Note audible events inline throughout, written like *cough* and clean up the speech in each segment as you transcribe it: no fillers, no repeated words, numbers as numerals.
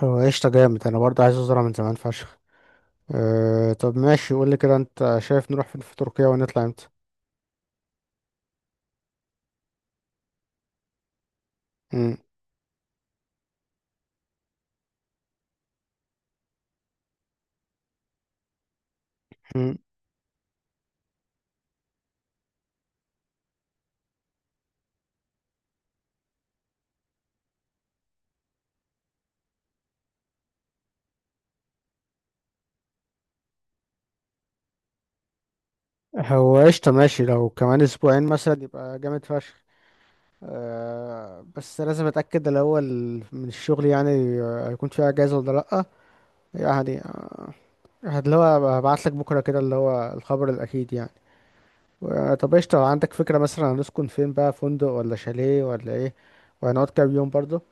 هو قشطة جامد أنا برضه عايز أزرع من زمان فشخ. طب ماشي قولي كده أنت شايف نروح فين في تركيا ونطلع إمتى؟ مم، مم. هو قشطة ماشي لو كمان أسبوعين مثلا يبقى جامد فشخ. بس لازم أتأكد الأول من الشغل يعني. هيكون فيه أجازة ولا لأ؟ يعني آه، اللي هو هبعتلك بكرة كده اللي هو الخبر الأكيد يعني. طب قشطة، عندك فكرة مثلا هنسكن فين بقى، فندق ولا شاليه ولا إيه؟ وهنقعد كام يوم برضه؟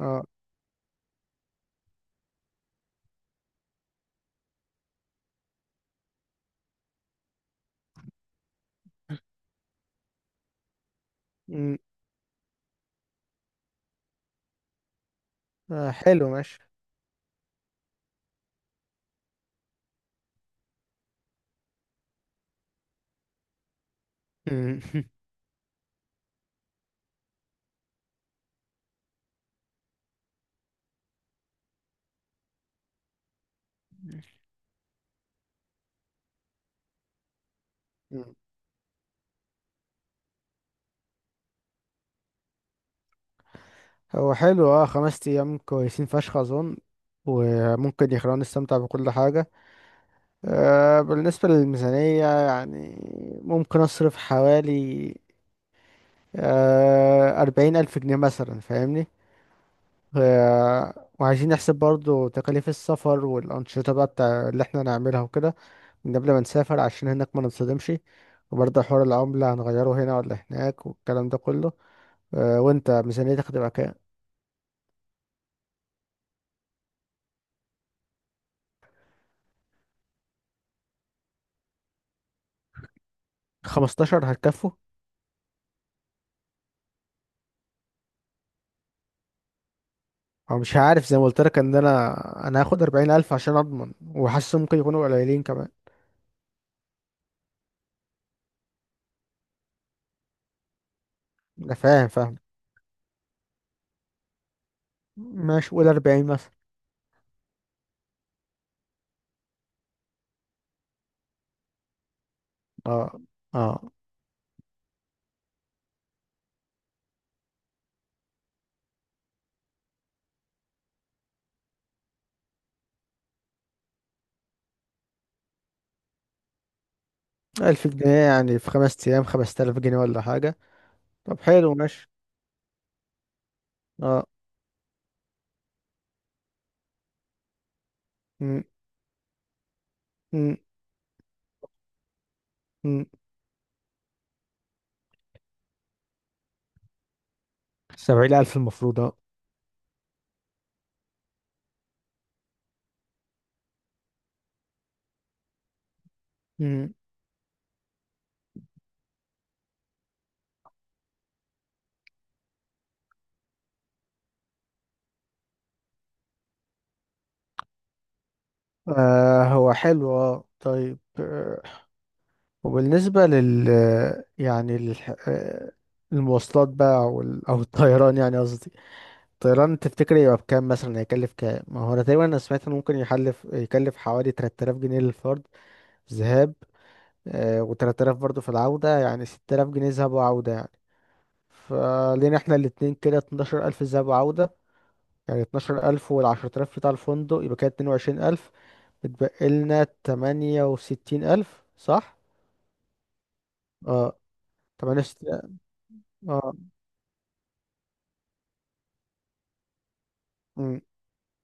اه. مم. آه، حلو ماشي. مم. *laughs* مم. هو حلو، خمس ايام كويسين فشخ اظن، وممكن يخلونا نستمتع بكل حاجة. بالنسبة للميزانية يعني، ممكن اصرف حوالي 40,000 جنيه مثلا، فاهمني. وعايزين نحسب برضو تكاليف السفر والانشطة بقى بتاع اللي احنا نعملها وكده من قبل ما نسافر عشان هناك ما نتصدمش. وبرضه حوار العملة هنغيره هنا ولا هناك والكلام ده كله. وانت ميزانيتك هتبقى كام؟ 15 هتكفوا؟ هو مش عارف، زي ما قلت لك ان انا هاخد 40,000 عشان اضمن، وحاسس ممكن يكونوا قليلين كمان. انا فاهم فاهم. ماشي قول 40 مثلا. اه. اه. 1000 جنيه يعني في خمس ايام 5000 جنيه ولا حاجه. طب حلو ماشي. اه. م- م- م. 70,000 المفروض، اه. م. هو حلو، طيب. وبالنسبه لل يعني للح- آه، المواصلات بقى، او أو الطيران يعني قصدي. طيران تفتكر يبقى بكام مثلا، هيكلف كام؟ ما هو انا تقريبا انا سمعت انه ممكن يكلف حوالي 3000 جنيه للفرد ذهاب، و3000 برضه في العودة، يعني 6000 جنيه ذهاب وعودة يعني. فلينا احنا الاتنين كده 12,000 ذهاب وعودة، يعني 12,000 وال10000 بتاع الفندق يبقى كده 22,000، بتبقى لنا 68,000 صح؟ اه. 68. اه. امم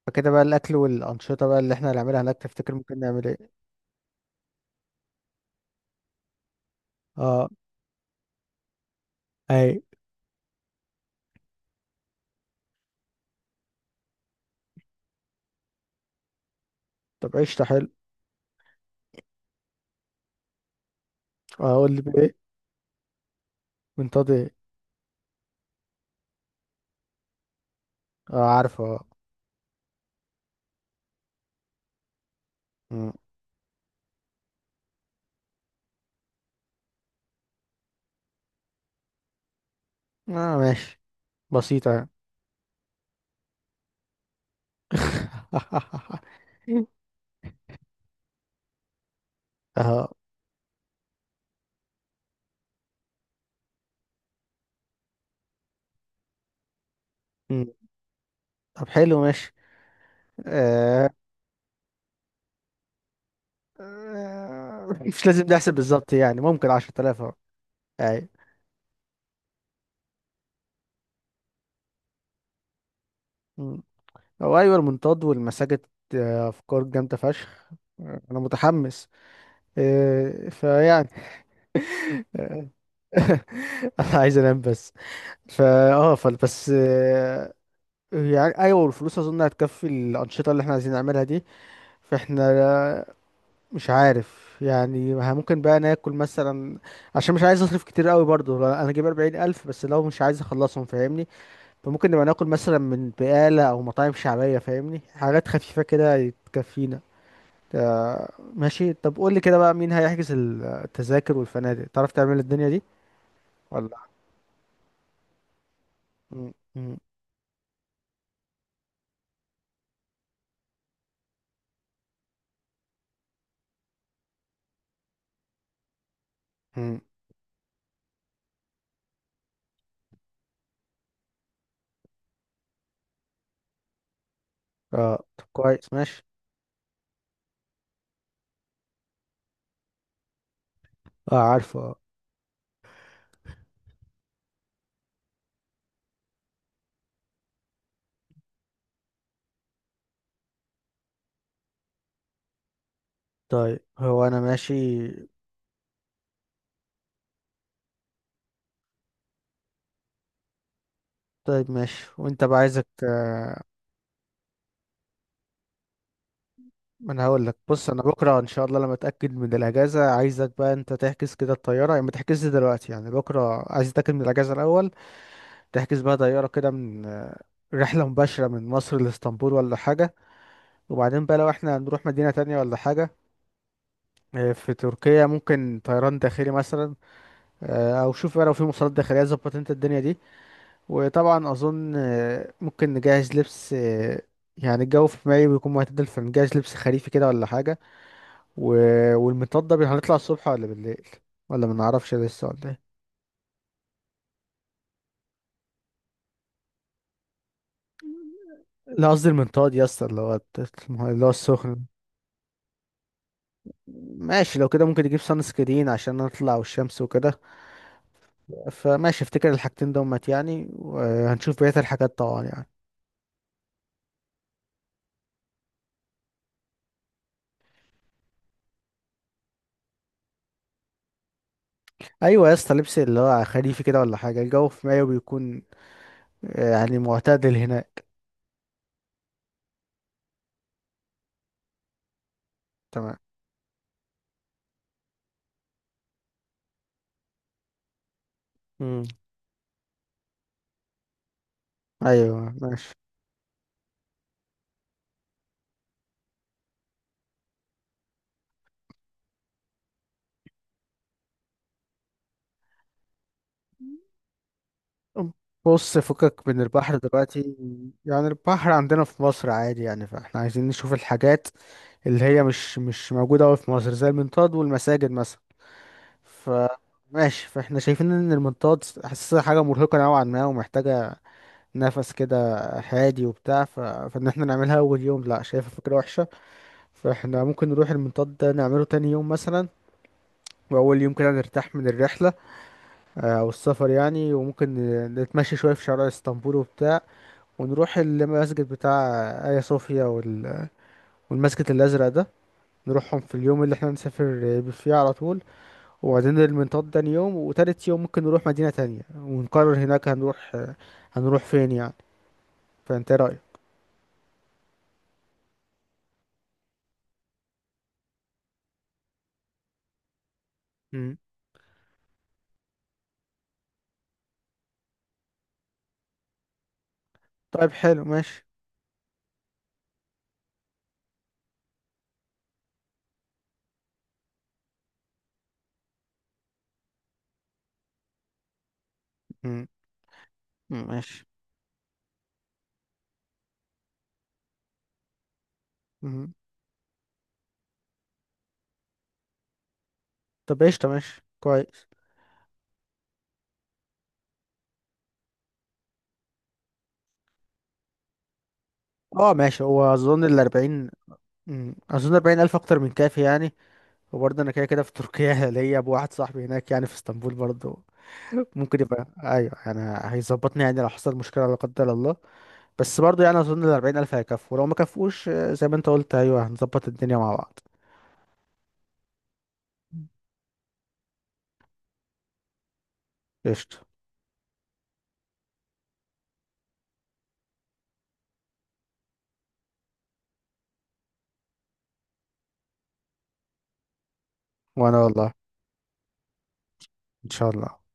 فكده بقى الاكل والانشطة بقى اللي احنا هنعملها هناك تفتكر ممكن نعمل ايه؟ اه. اي. طب قشطة حلو. اقول لي بايه؟ من طاطي. اه عارفه، اه. مم. اه ماشي. بسيطة يعني. *laughs* اه. مم. طب حلو ماشي. آه. مش لازم نحسب بالظبط يعني، ممكن 10,000 اهو. اي. مم. هو ايوه، المنطاد والمساجد، افكار جامدة فشخ. انا متحمس. فيعني. *laughs* انا عايز انام بس. فا اه فال بس. يعني ايوه، والفلوس اظن هتكفي الانشطه اللي احنا عايزين نعملها دي. فاحنا لا- مش عارف يعني، ممكن بقى ناكل مثلا، عشان مش عايز اصرف كتير قوي برضو. لا، انا جايب 40,000 بس، لو مش عايز اخلصهم فاهمني. فممكن نبقى ناكل مثلا من بقالة او مطاعم شعبية، فاهمني، حاجات خفيفة كده تكفينا. آه، ماشي. طب قول لي كده بقى، مين هيحجز التذاكر والفنادق، تعرف تعمل الدنيا دي؟ ولا. م- م- م. اه طب كويس ماشي. اه عارفه، اه. طيب هو انا ماشي. طيب ماشي وانت بقى عايزك آه، ما انا هقول لك، بص انا بكره ان شاء الله لما اتاكد من الاجازه، عايزك بقى انت تحجز كده الطياره، يعني ما تحجزش دلوقتي، يعني بكره عايز اتاكد من الاجازه الاول. تحجز بقى طياره كده من آه، رحله مباشره من مصر لاسطنبول ولا حاجه. وبعدين بقى لو احنا هنروح مدينه تانية ولا حاجه في تركيا، ممكن طيران داخلي مثلا، او شوف بقى لو في مواصلات داخليه، ظبط انت الدنيا دي. وطبعا اظن ممكن نجهز لبس، يعني الجو في مايو بيكون معتدل، فنجهز لبس خريفي كده ولا حاجه. و... والمنطاد ده هنطلع الصبح ولا بالليل، ولا ما نعرفش لسه ولا ايه؟ لا، قصدي المنطاد يا اسطى، اللي هو السخن. ماشي، لو كده ممكن نجيب سان سكرين عشان نطلع والشمس وكده. فماشي افتكر الحاجتين دومت يعني، وهنشوف بقية الحاجات طبعا يعني. ايوه يا اسطى، لبس اللي هو خريفي كده ولا حاجة، الجو في مايو بيكون يعني معتدل هنا. تمام. امم ايوه ماشي. بص، فكك من البحر دلوقتي. يعني البحر عندنا في مصر عادي يعني، فاحنا عايزين نشوف الحاجات اللي هي مش موجودة أوي في مصر، زي المنطاد والمساجد مثلا. ف ماشي، فاحنا شايفين ان المنطاد حاسسها حاجة مرهقة نوعا ما، ومحتاجة نفس كده هادي وبتاع فان احنا نعملها اول يوم لا شايفها فكرة وحشة. فاحنا ممكن نروح المنطاد ده نعمله تاني يوم مثلا، واول يوم كده نرتاح من الرحلة او السفر يعني. وممكن نتمشى شوية في شوارع اسطنبول وبتاع، ونروح المسجد بتاع آيا صوفيا والمسجد الأزرق ده، نروحهم في اليوم اللي احنا نسافر فيه على طول. وبعدين المنطاد تاني يوم، وتالت يوم ممكن نروح مدينة تانية ونقرر هناك هنروح فين يعني. فانت إيه رأيك؟ مم. طيب حلو ماشي. مم. مم، ماشي. مم. طب قشطة ماشي كويس. اه ماشي، هو أظن الأربعين، أظن أربعين ألف أكتر من كافي يعني. وبرضه أنا كده كده في تركيا *laughs* ليا أبو واحد صاحبي هناك يعني في اسطنبول برضه، ممكن يبقى ايوه يعني، هيظبطني يعني لو حصل مشكله لا قدر الله. بس برضو يعني اظن ال 40,000 هيكفوا، لو ما كفوش زي ما انت قلت، ايوه هنظبط الدنيا مع بعض. قشطه. وانا والله، ان شاء الله.